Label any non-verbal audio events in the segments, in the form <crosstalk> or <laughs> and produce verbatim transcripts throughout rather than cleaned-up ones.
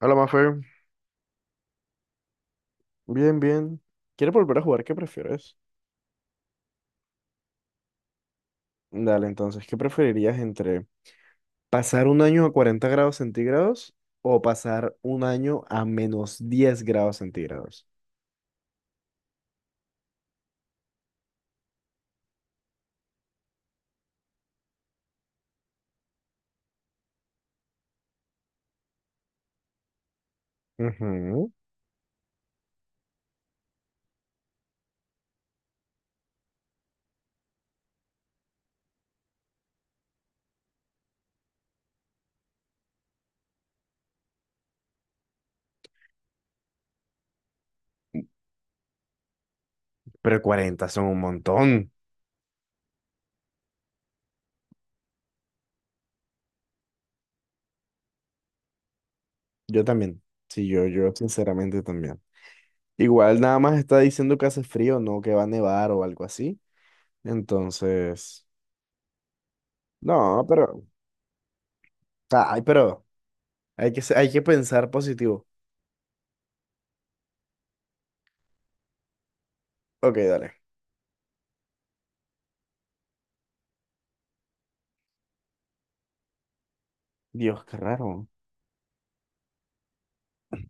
Hola, Mafe. Bien, bien. ¿Quieres volver a jugar? ¿Qué prefieres? Dale, entonces, ¿qué preferirías entre pasar un año a cuarenta grados centígrados o pasar un año a menos diez grados centígrados? Ujú. Pero cuarenta son un montón. Yo también. Sí, yo, yo sinceramente también. Igual nada más está diciendo que hace frío, no que va a nevar o algo así. Entonces, no, pero, ay, pero hay que, se- hay que pensar positivo. Ok, dale. Dios, qué raro.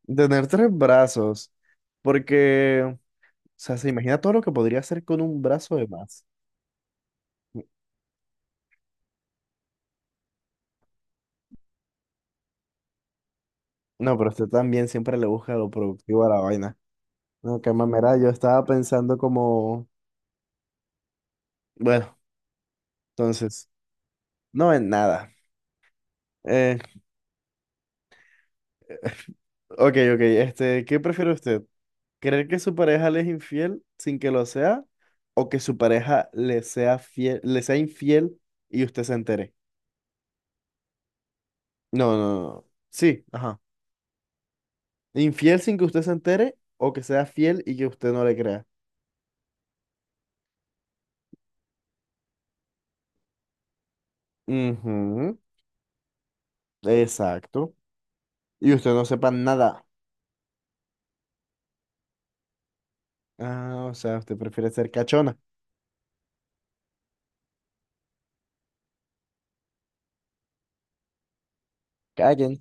Tener tres brazos, porque, o sea, se imagina todo lo que podría hacer con un brazo de más. No, pero usted también siempre le busca lo productivo a la vaina. No, qué mamera, yo estaba pensando como, bueno, entonces, no en nada. Eh, ok, ok, este, ¿qué prefiere usted? ¿Creer que su pareja le es infiel sin que lo sea? ¿O que su pareja le sea fiel, le sea infiel y usted se entere? No, no, no. no. Sí, ajá. Infiel sin que usted se entere o que sea fiel y que usted no le crea. Ujú. Exacto. Y usted no sepa nada. Ah, o sea, usted prefiere ser cachona. Callen.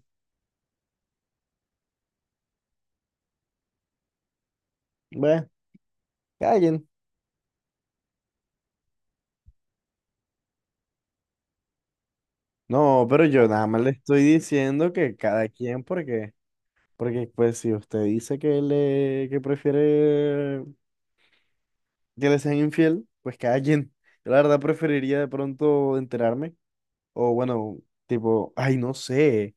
Bueno, callen. No, pero yo nada más le estoy diciendo que cada quien, porque, porque pues si usted dice que le, que prefiere que le sean infiel, pues callen. Yo la verdad preferiría de pronto enterarme. O bueno, tipo, ay, no sé.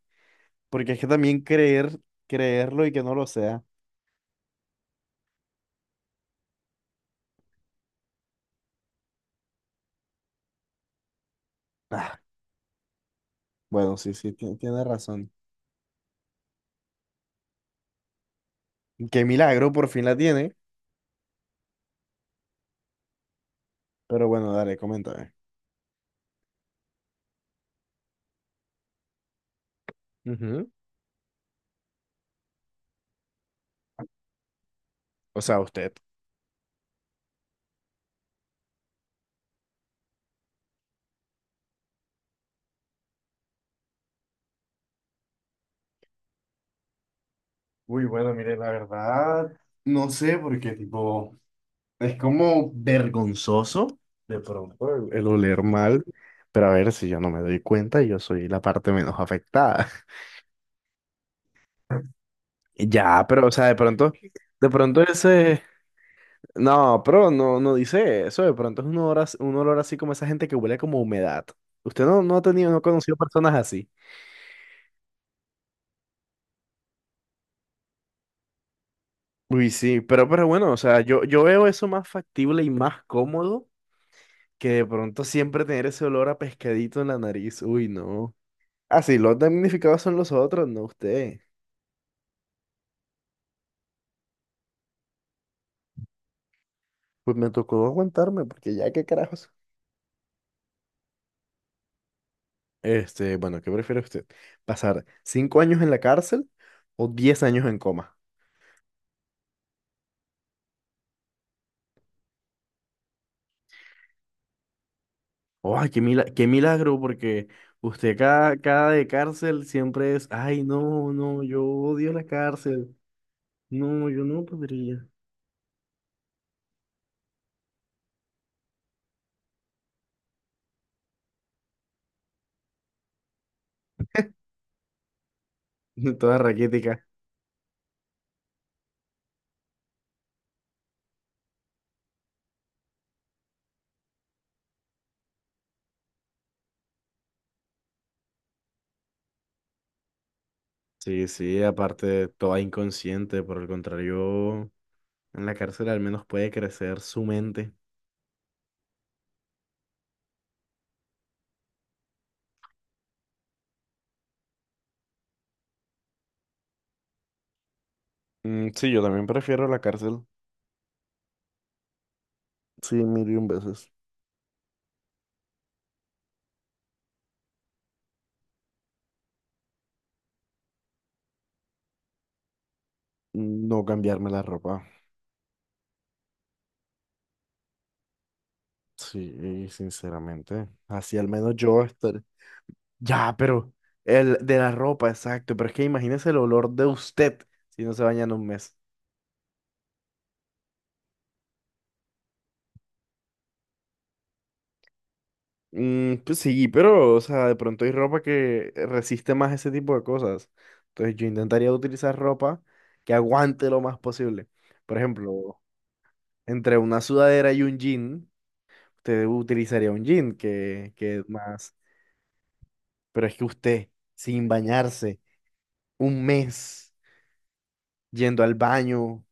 Porque es que también creer, creerlo y que no lo sea. Ah, bueno, sí, sí, ti- tiene razón. Qué milagro, por fin la tiene. Pero bueno, dale, coméntame. Ujú. O sea, usted. Uy, bueno, mire, la verdad, no sé, porque tipo, es como vergonzoso de pronto el, el oler mal, pero a ver si yo no me doy cuenta, yo soy la parte menos afectada. <laughs> Ya, pero o sea, de pronto, de pronto ese, No, pero no, no dice eso. De pronto es un olor, as- un olor así como esa gente que huele como a humedad. Usted no, no ha tenido, no ha conocido personas así. Uy, sí, pero, pero bueno, o sea, yo, yo veo eso más factible y más cómodo que de pronto siempre tener ese olor a pescadito en la nariz. Uy, no. Ah, sí, los damnificados son los otros, no usted. Pues me tocó aguantarme, porque ya qué carajos. Este, bueno, ¿qué prefiere usted? ¿Pasar cinco años en la cárcel o diez años en coma? Ay, qué mila- qué milagro, porque usted cada, cada de cárcel siempre es, ay, no, no, yo odio la cárcel. No, yo no podría. <laughs> Toda raquítica. Sí, sí, aparte, toda inconsciente, por el contrario, en la cárcel al menos puede crecer su mente. Mm, sí, yo también prefiero la cárcel. Sí, mil y un veces. No cambiarme la ropa. Sí, sinceramente. Así al menos yo estaré. Ya, pero el de la ropa, exacto. Pero es que imagínese el olor de usted si no se baña en un mes. Mm, pues sí, pero, o sea, de pronto hay ropa que resiste más ese tipo de cosas. Entonces yo intentaría utilizar ropa que aguante lo más posible. Por ejemplo, entre una sudadera y un jean, usted utilizaría un jean que, que es más. Pero es que usted, sin bañarse, un mes yendo al baño,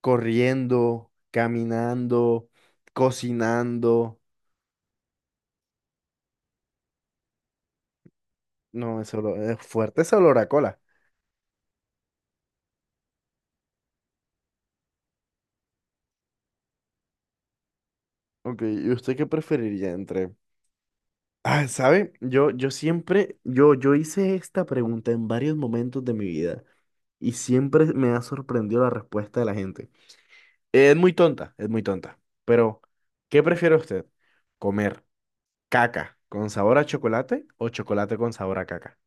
corriendo, caminando, cocinando. No, ese olor- es fuerte ese olor a cola. Ok, ¿y usted qué preferiría entre? Ah, ¿sabe? Yo, yo siempre, yo, yo hice esta pregunta en varios momentos de mi vida y siempre me ha sorprendido la respuesta de la gente. Es muy tonta, es muy tonta. Pero, ¿qué prefiere usted? ¿Comer caca con sabor a chocolate o chocolate con sabor a caca?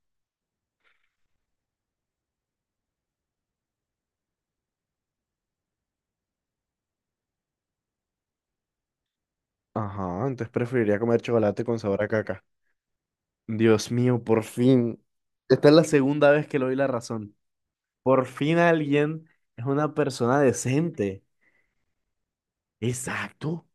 Ajá, entonces preferiría comer chocolate con sabor a caca. Dios mío, por fin. Esta es la segunda vez que le doy la razón. Por fin alguien es una persona decente. Exacto.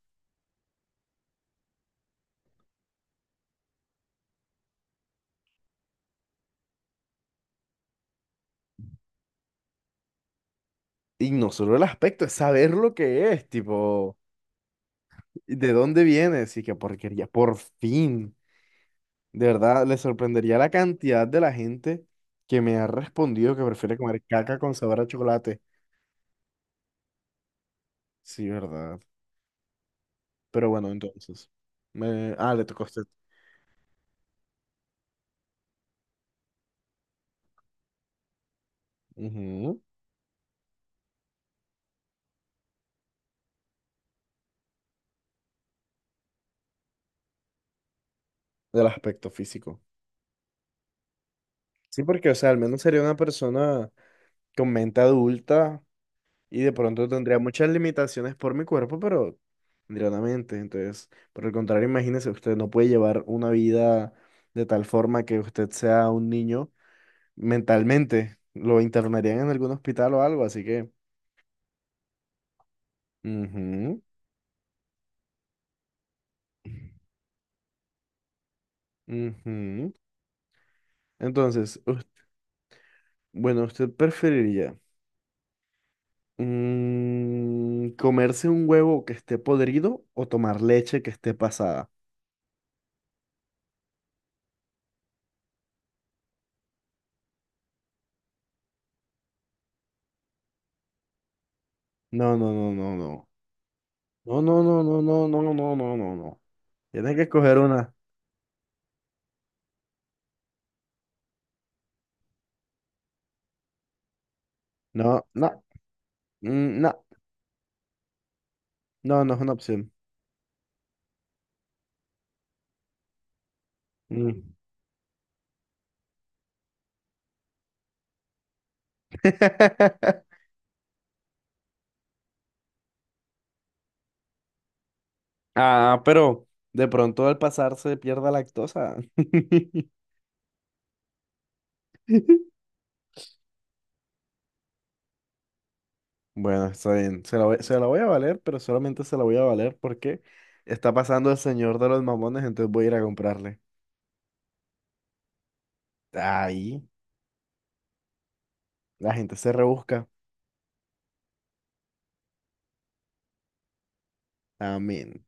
Y no solo el aspecto, es saber lo que es, tipo, de dónde vienes y qué porquería. Por fin. De verdad, le sorprendería la cantidad de la gente que me ha respondido que prefiere comer caca con sabor a chocolate. Sí, ¿verdad? Pero bueno, entonces. Me... Ah, le tocó a usted. Ujú. Del aspecto físico. Sí, porque, o sea, al menos sería una persona con mente adulta y de pronto tendría muchas limitaciones por mi cuerpo, pero tendría una mente. Entonces, por el contrario, imagínese, usted no puede llevar una vida de tal forma que usted sea un niño mentalmente. Lo internarían en algún hospital o algo, así que... ujú, ujú. Entonces, us- bueno, ¿usted preferiría mm, comerse un huevo que esté podrido o tomar leche que esté pasada? No, no, no, no, no. No, no, no, no, no, no, no, no, no, no. no. Tienes que escoger una. No, no, mm, no, no, no es una opción. Mm. <laughs> Ah, pero de pronto al pasar se pierda lactosa. <laughs> Bueno, está bien. Se la voy, se la voy a valer, pero solamente se la voy a valer porque está pasando el señor de los mamones, entonces voy a ir a comprarle. Ahí, la gente se rebusca. Amén.